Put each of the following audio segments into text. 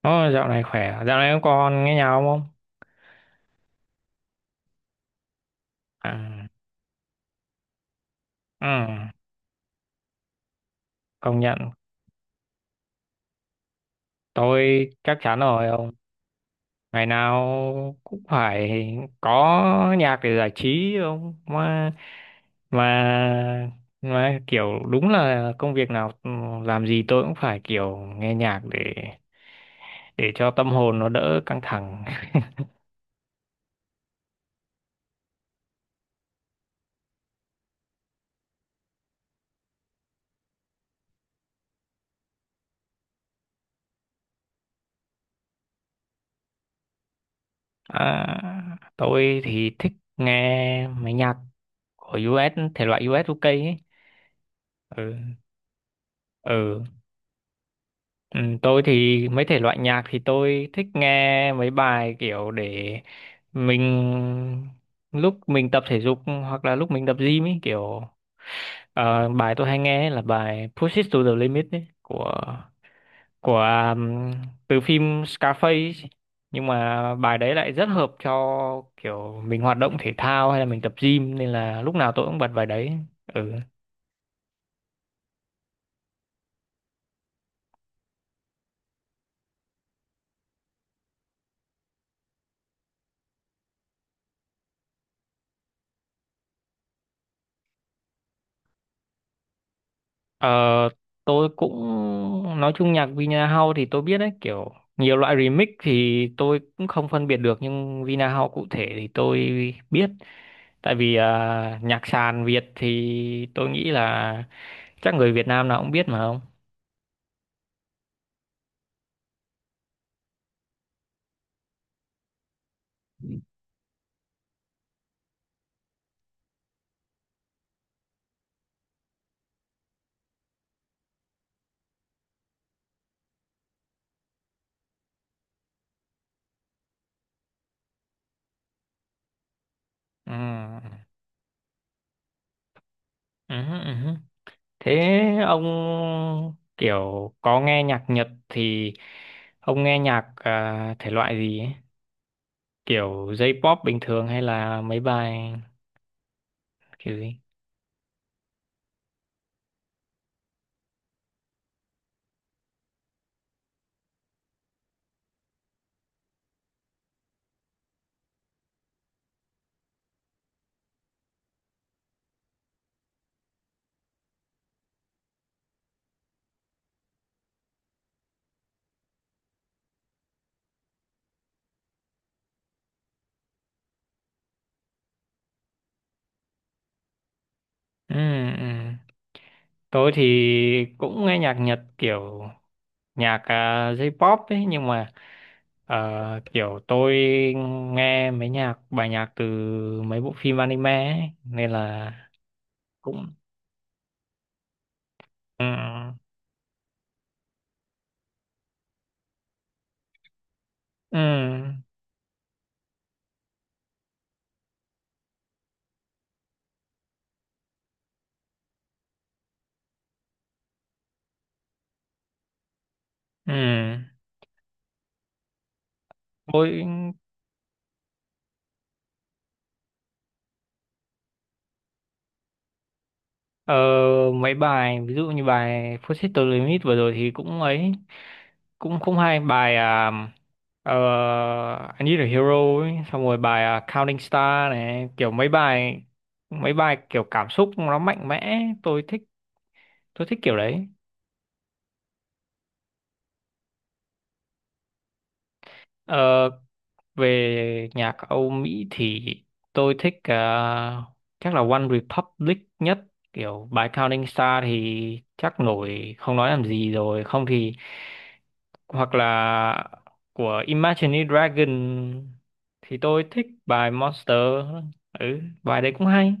Ồ, dạo này khỏe, à? Dạo này các con nghe nhau không? À, ừ, công nhận, tôi chắc chắn rồi ông. Ngày nào cũng phải có nhạc để giải trí ông. Mà, mà kiểu đúng là công việc nào làm gì tôi cũng phải kiểu nghe nhạc để cho tâm hồn nó đỡ căng thẳng. À, tôi thì thích nghe mấy nhạc của US, thể loại US UK ấy. Ừ. ừ Ừ, tôi thì mấy thể loại nhạc thì tôi thích nghe mấy bài kiểu để mình lúc mình tập thể dục hoặc là lúc mình tập gym ấy kiểu bài tôi hay nghe ấy là bài Push It to the Limit ấy, của um, từ phim Scarface ấy. Nhưng mà bài đấy lại rất hợp cho kiểu mình hoạt động thể thao hay là mình tập gym nên là lúc nào tôi cũng bật bài đấy. ừ Ờ, tôi cũng nói chung nhạc Vina House thì tôi biết đấy, kiểu nhiều loại remix thì tôi cũng không phân biệt được, nhưng Vina House cụ thể thì tôi biết. Tại vì nhạc sàn Việt thì tôi nghĩ là chắc người Việt Nam nào cũng biết mà không. Ừ, Ừ, ừ. Ừ. Thế ông kiểu có nghe nhạc Nhật thì ông nghe nhạc thể loại gì ấy? Kiểu J-pop bình thường hay là mấy bài kiểu gì? ừ, ừ. Tôi thì cũng nghe nhạc Nhật kiểu nhạc J-pop ấy, nhưng mà kiểu tôi nghe mấy bài nhạc từ mấy bộ phim anime ấy, nên là cũng. Ừ, ừ, ừ. tôi Ờ, mấy bài ví dụ như bài Forces the Limit vừa rồi thì cũng ấy cũng không hay bài à, ờ, I Need a Hero ấy. Xong rồi bài à, Counting Star này kiểu mấy bài kiểu cảm xúc nó mạnh mẽ tôi thích kiểu đấy Ờ, về nhạc Âu Mỹ thì tôi thích à, chắc là One Republic nhất kiểu bài Counting Star thì chắc nổi không nói làm gì rồi không thì hoặc là của Imagine Dragon thì tôi thích bài Monster ừ bài đấy cũng hay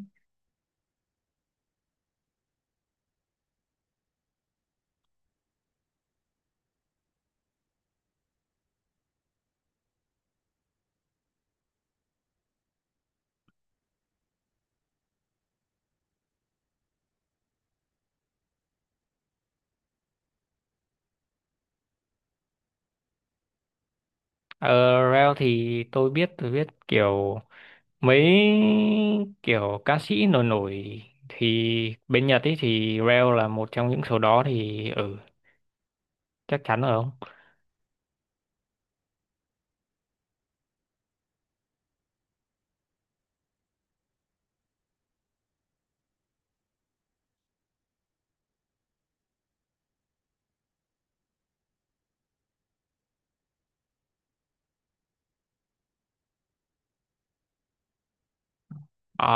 ở Rel thì tôi biết kiểu mấy kiểu ca sĩ nổi nổi thì bên Nhật ấy thì Rel là một trong những số đó thì ừ chắc chắn rồi không à,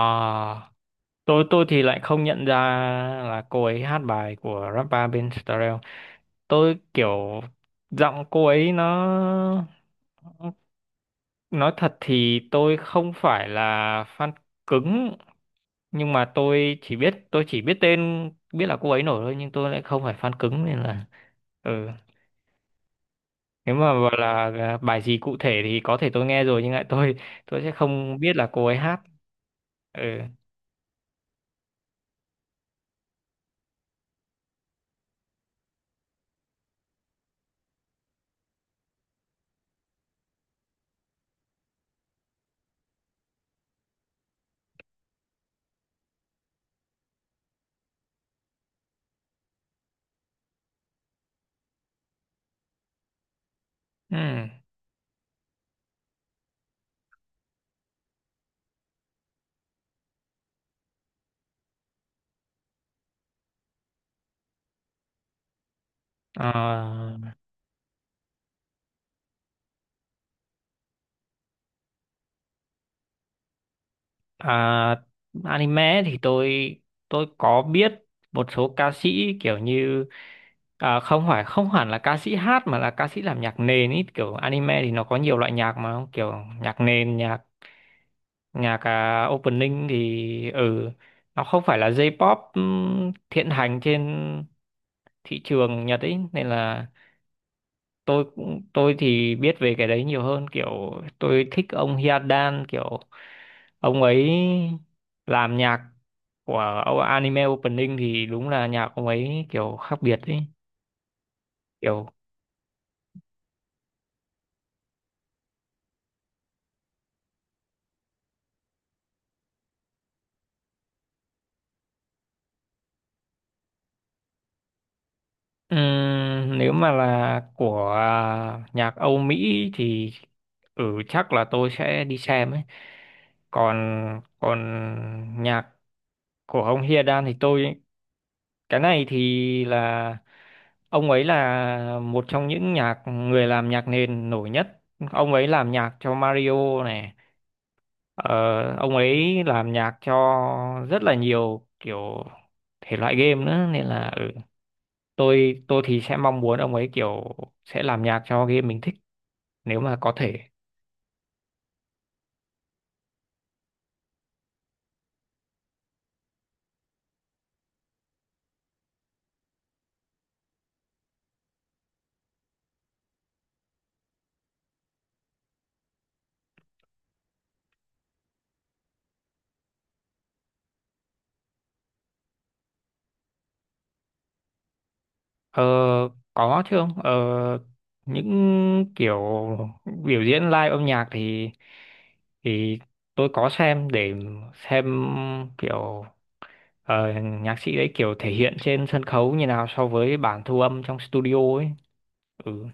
tôi thì lại không nhận ra là cô ấy hát bài của rapper bên Starrel tôi kiểu giọng cô ấy nó Nói thật thì tôi không phải là fan cứng nhưng mà tôi chỉ biết tên biết là cô ấy nổi thôi nhưng tôi lại không phải fan cứng nên là ừ nếu mà gọi là à, bài gì cụ thể thì có thể tôi nghe rồi nhưng lại tôi sẽ không biết là cô ấy hát ừ, ừ. à, À, anime thì tôi có biết một số ca sĩ kiểu như không phải, không hẳn là ca sĩ hát mà là ca sĩ làm nhạc nền, ý kiểu anime thì nó có nhiều loại nhạc mà kiểu nhạc nền nhạc nhạc opening thì nó không phải là J-pop hiện hành trên thị trường Nhật ấy, nên là tôi thì biết về cái đấy nhiều hơn, kiểu tôi thích ông Hyadan, kiểu ông ấy làm nhạc của anime opening thì đúng là nhạc ông ấy kiểu khác biệt ấy, kiểu nếu mà là của nhạc Âu Mỹ thì ừ chắc là tôi sẽ đi xem ấy. Còn còn nhạc của ông Hyadan thì cái này thì là ông ấy là một trong những người làm nhạc nền nổi nhất. Ông ấy làm nhạc cho Mario này, ờ, ông ấy làm nhạc cho rất là nhiều kiểu thể loại game nữa, nên là tôi thì sẽ mong muốn ông ấy kiểu sẽ làm nhạc cho game mình thích nếu mà có thể. Ờ, có chứ không? Ờ, những kiểu biểu diễn live âm nhạc thì thì tôi có xem để xem kiểu nhạc sĩ đấy kiểu thể hiện trên sân khấu như nào so với bản thu âm trong studio ấy. Ừ.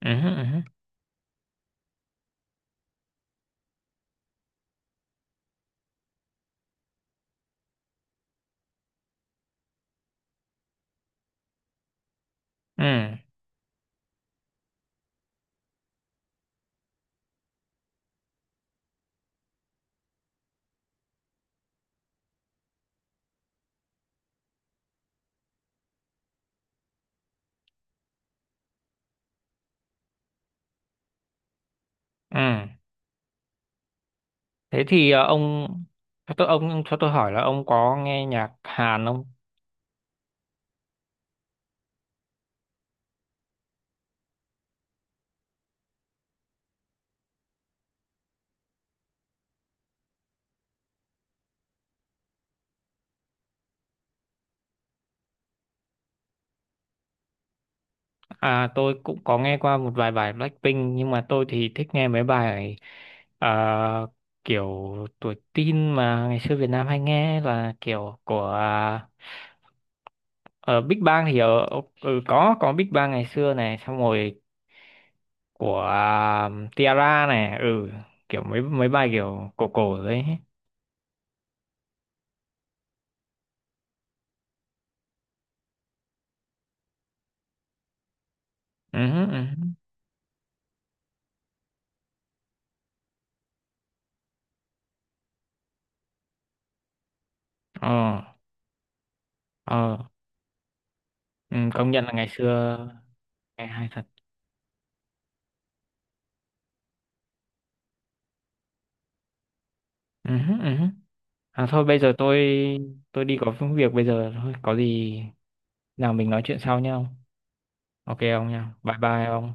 Ừ. Ừ. Ừ. ừ. Thế thì ông cho tôi hỏi là ông có nghe nhạc Hàn không? À, tôi cũng có nghe qua một vài bài Blackpink, nhưng mà tôi thì thích nghe mấy bài ờ, kiểu tuổi teen mà ngày xưa Việt Nam hay nghe, là kiểu của Big Bang thì ở có Big Bang ngày xưa này, xong rồi của Tiara này. Ừ Kiểu mấy mấy bài kiểu cổ cổ đấy. Ừ ừ ờ ờ Ừ, công nhận là ngày xưa nghe hay thật. Ừ ừ À thôi bây giờ tôi đi có việc bây giờ thôi, có gì nào mình nói chuyện sau nhau. Ok ông nha. Bye bye ông.